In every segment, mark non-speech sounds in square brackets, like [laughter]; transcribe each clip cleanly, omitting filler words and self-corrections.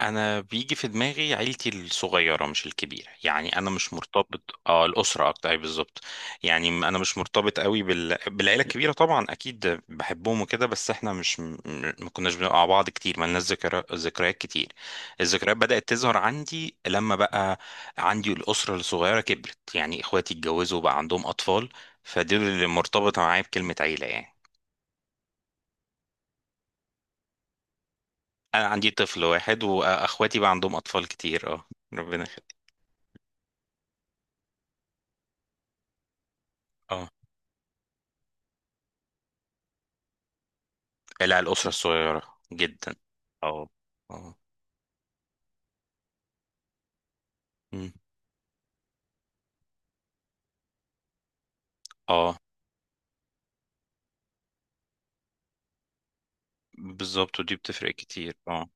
انا بيجي في دماغي عيلتي الصغيره مش الكبيره. يعني انا مش مرتبط الاسره اكتر. أي بالظبط. يعني انا مش مرتبط قوي بالعيله الكبيره، طبعا اكيد بحبهم وكده، بس احنا مش ما كناش بنبقى مع بعض كتير، ما لناش ذكريات كتير. الذكريات بدات تظهر عندي لما بقى عندي الاسره الصغيره كبرت، يعني اخواتي اتجوزوا وبقى عندهم اطفال. فدول اللي مرتبطه معايا بكلمه عيله يعني. انا عندي طفل واحد واخواتي بقى عندهم اطفال كتير، اه. ربنا يخليك. اه، لا، الأسرة الصغيرة جدا. اه. اه. مم. اه، بالظبط، ودي بتفرق كتير، اه.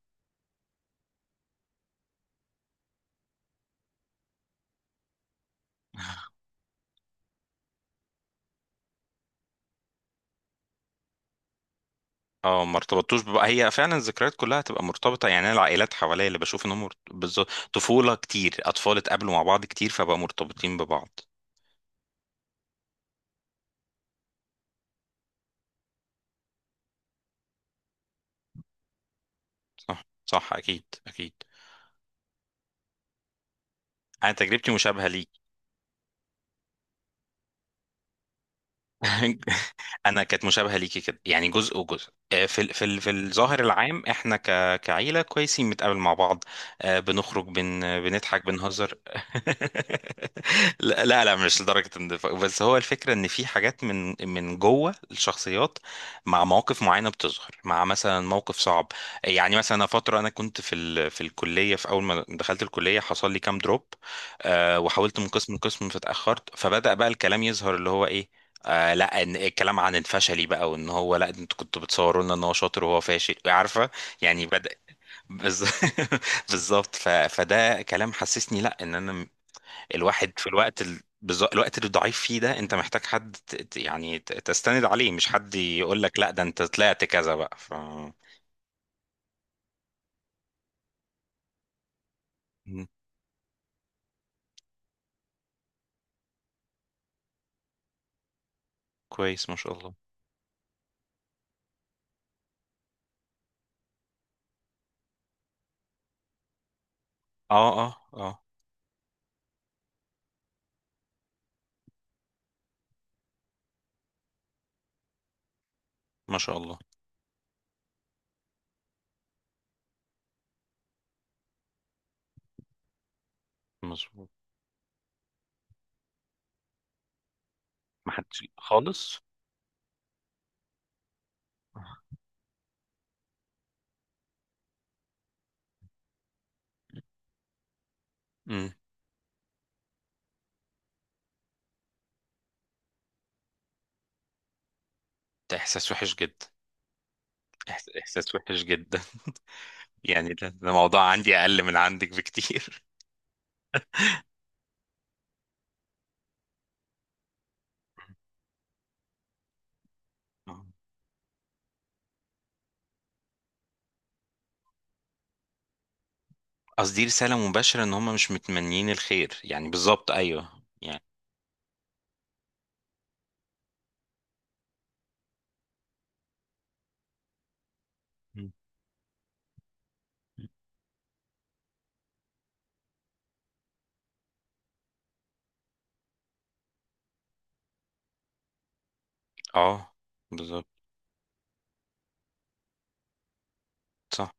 اه، ما ارتبطتوش بقى، هي فعلا الذكريات كلها تبقى مرتبطة. يعني أنا العائلات حواليا اللي بشوف انهم مرت- بالظبط، طفولة كتير، أطفال اتقابلوا مع بعض كتير فبقى مرتبطين ببعض. صح، صح، أكيد، أكيد. أنا تجربتي مشابهة ليك. [laughs] انا كانت مشابهه ليكي كده، يعني جزء وجزء، في في الظاهر العام احنا كعيله كويسين بنتقابل مع بعض. بنخرج، بنضحك بنهزر. [laughs] لا لا لا، مش لدرجه النفاق، بس هو الفكره ان في حاجات من جوه الشخصيات، مع مواقف معينه بتظهر، مع مثلا موقف صعب. يعني مثلا فتره انا كنت في الكليه، في اول ما دخلت الكليه حصل لي كام دروب. وحاولت من قسم لقسم فاتاخرت، فبدا بقى الكلام يظهر اللي هو ايه. آه، لا، ان الكلام عن الفشلي بقى، وان هو لا انتوا كنتوا بتصوروا لنا ان هو شاطر وهو فاشل، عارفه. يعني بدأ بز- [laughs] بالظبط. فده كلام حسسني، لا ان انا الواحد في الوقت اللي ضعيف فيه ده، انت محتاج حد تستند عليه، مش حد يقول لك لا ده انت طلعت كذا بقى ف. مم. كويس، ما شاء الله. اه. اه. اه. ما شاء الله. مظبوط. ما حدش خالص. امم ده احساس وحش جدا. احساس وحش جدا. [laughs] يعني ده، ده موضوع عندي اقل من عندك بكتير. آه. قصدي رسالة مباشرة ان هم مش متمنيين الخير، يعني بالظبط، ايوه يعني. مم. اه. بالظبط. صح.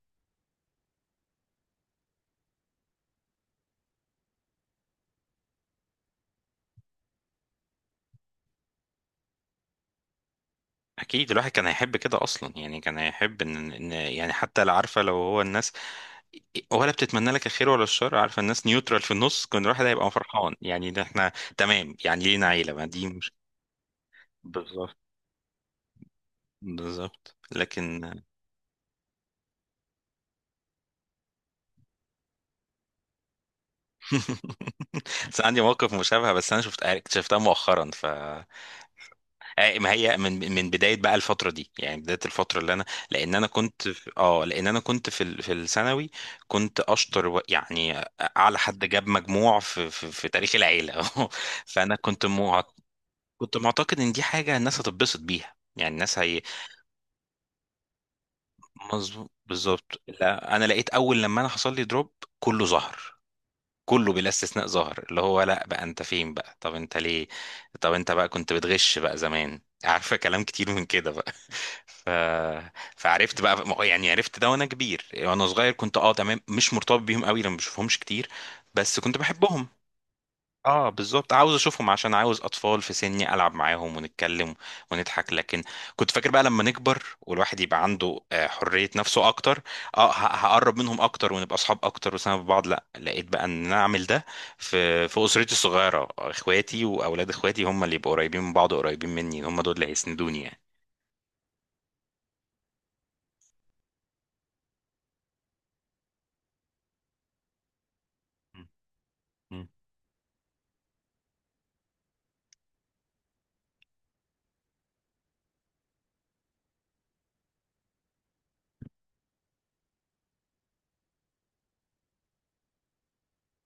اكيد الواحد كان هيحب كده اصلا، يعني كان هيحب إن يعني، حتى لو عارفة لو هو الناس ولا بتتمنى لك الخير ولا الشر، عارفة الناس نيوترال في النص، كان الواحد هيبقى فرحان. يعني ده احنا تمام، يعني لينا عيلة، ما دي مش بالظبط، بالظبط لكن. [laughs] بس عندي موقف مشابه، بس انا شفت اكتشفتها مؤخرا ف. آه، ما هي من بدايه بقى الفتره دي، يعني بدايه الفتره اللي انا. لان انا كنت في ال- في الثانوي. كنت اشطر يعني اعلى حد جاب مجموع في تاريخ العيله. [laughs] فانا كنت مع... كنت معتقد ان دي حاجه الناس هتتبسط بيها، يعني الناس هي. مظبوط بالظبط. لا انا لقيت اول لما انا حصل لي دروب، كله ظهر، كله بلا استثناء ظهر، اللي هو لا، بقى انت فين بقى؟ طب انت ليه؟ طب انت بقى كنت بتغش بقى زمان؟ عارفه كلام كتير من كده بقى. فعرفت بقى، ما هو، يعني عرفت ده وانا كبير، وانا صغير كنت اه تمام مش مرتبط بيهم قوي، لما بشوفهمش كتير، بس كنت بحبهم. اه، بالظبط، عاوز اشوفهم عشان عاوز اطفال في سني العب معاهم ونتكلم ونضحك، لكن كنت فاكر بقى لما نكبر والواحد يبقى عنده حرية نفسه اكتر، هقرب منهم اكتر ونبقى اصحاب اكتر وسنة بعض. لا لقيت بقى ان انا اعمل ده في اسرتي الصغيرة، اخواتي واولاد اخواتي هم اللي يبقوا قريبين من بعض وقريبين مني، هم دول اللي هيسندوني يعني. م- م.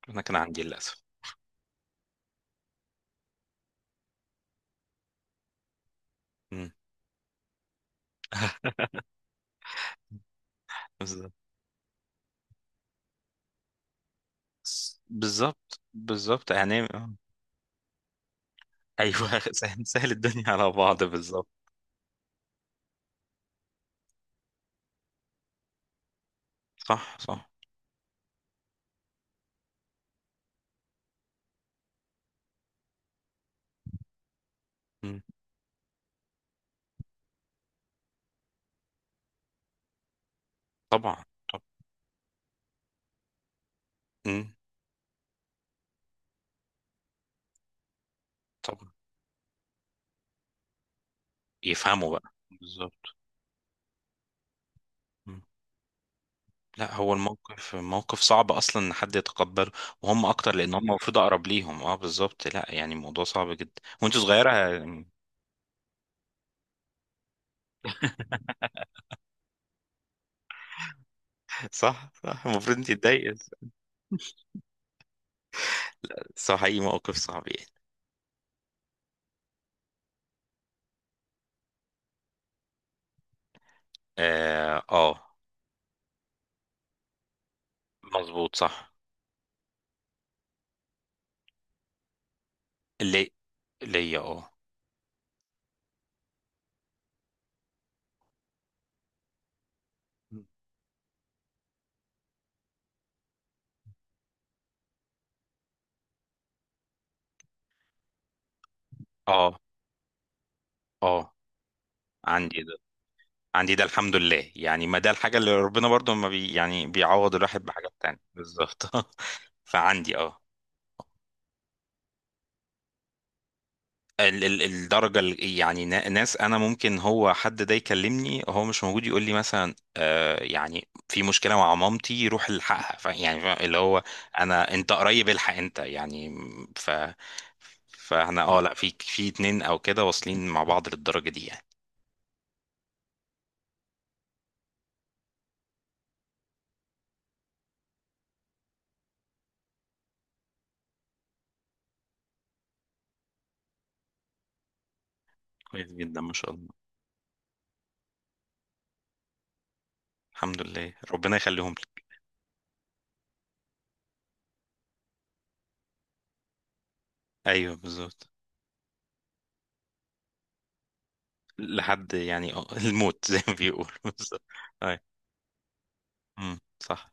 انا كان عندي للاسف، بالظبط بالظبط. بالظبط. يعني آه. ايوه. [laughs] سهل، سهل الدنيا على بعض، بالظبط. صح، صح. مم. طبعا. طب. مم. طبعا، يفهموا بقى، بالظبط. مم. لا هو الموقف موقف صعب اصلا ان حد يتقبله، وهم اكتر لان هم المفروض اقرب ليهم، اه بالظبط، لا يعني الموضوع صعب جدا، وانت صغيره [laughs] صح، صح، المفروض انت تضايق. صح، اي موقف صعب يعني. اه. آه. مظبوط. صح. ليه؟ ليا اه. اه. اه. عندي ده. عندي ده، الحمد لله، يعني ما ده الحاجة اللي ربنا برضو ما بي، يعني بيعوض الواحد بحاجات تانية، بالظبط. [laughs] فعندي اه ال ال الدرجة ال- يعني ناس، أنا ممكن هو حد ده يكلمني، هو مش موجود يقول لي مثلا آه، يعني في مشكلة مع مامتي، روح الحقها، يعني اللي هو أنا، أنت قريب الحق أنت، يعني ف فاحنا اه، لا، في اتنين أو كده واصلين مع بعض للدرجة دي يعني. كويس جدا، ما شاء الله. الحمد لله، ربنا يخليهم لي. أيوه بالظبط. لحد يعني اه [laughs] الموت زي ما بيقولوا، بالظبط. اي. امم. صح.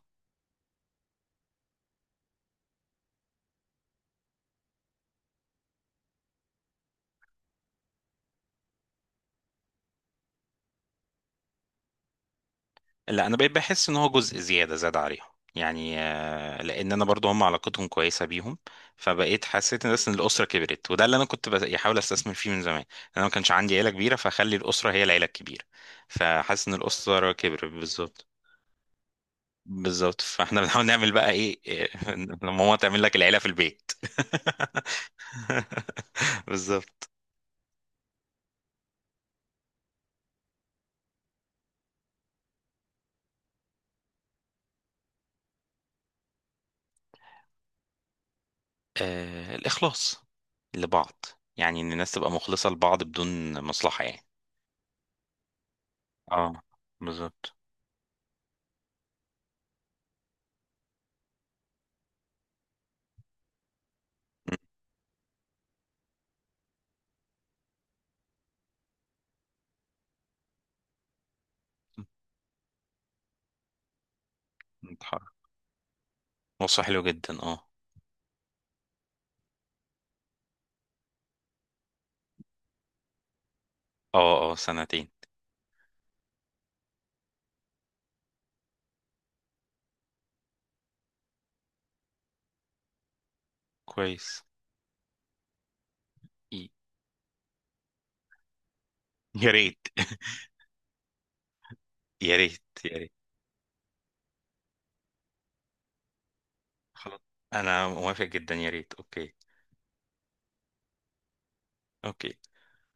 لا انا بقيت بحس ان هو جزء زياده زاد عليهم، يعني لان انا برضو هم علاقتهم كويسه بيهم. فبقيت حسيت ان، بس ان الاسره كبرت، وده اللي انا كنت بحاول استثمر فيه من زمان. انا ما كانش عندي عيله كبيره، فخلي الاسره هي العيله الكبيره. فحاسس ان الاسره كبرت. بالظبط. بالظبط، فاحنا بنحاول نعمل بقى ايه [laughs] لما ماما تعمل لك العيله في البيت. [laughs] بالظبط. آه، الإخلاص لبعض، يعني إن الناس تبقى مخلصة لبعض بدون مصلحة يعني. اه، بالظبط. م- اتحرك. نص حلو جدا، اه. اه. اه. سنتين. كويس. ي- يا ريت. [laughs] يا ريت، يا ريت. خلاص. أنا موافق جدا، يا ريت، أوكي. أوكي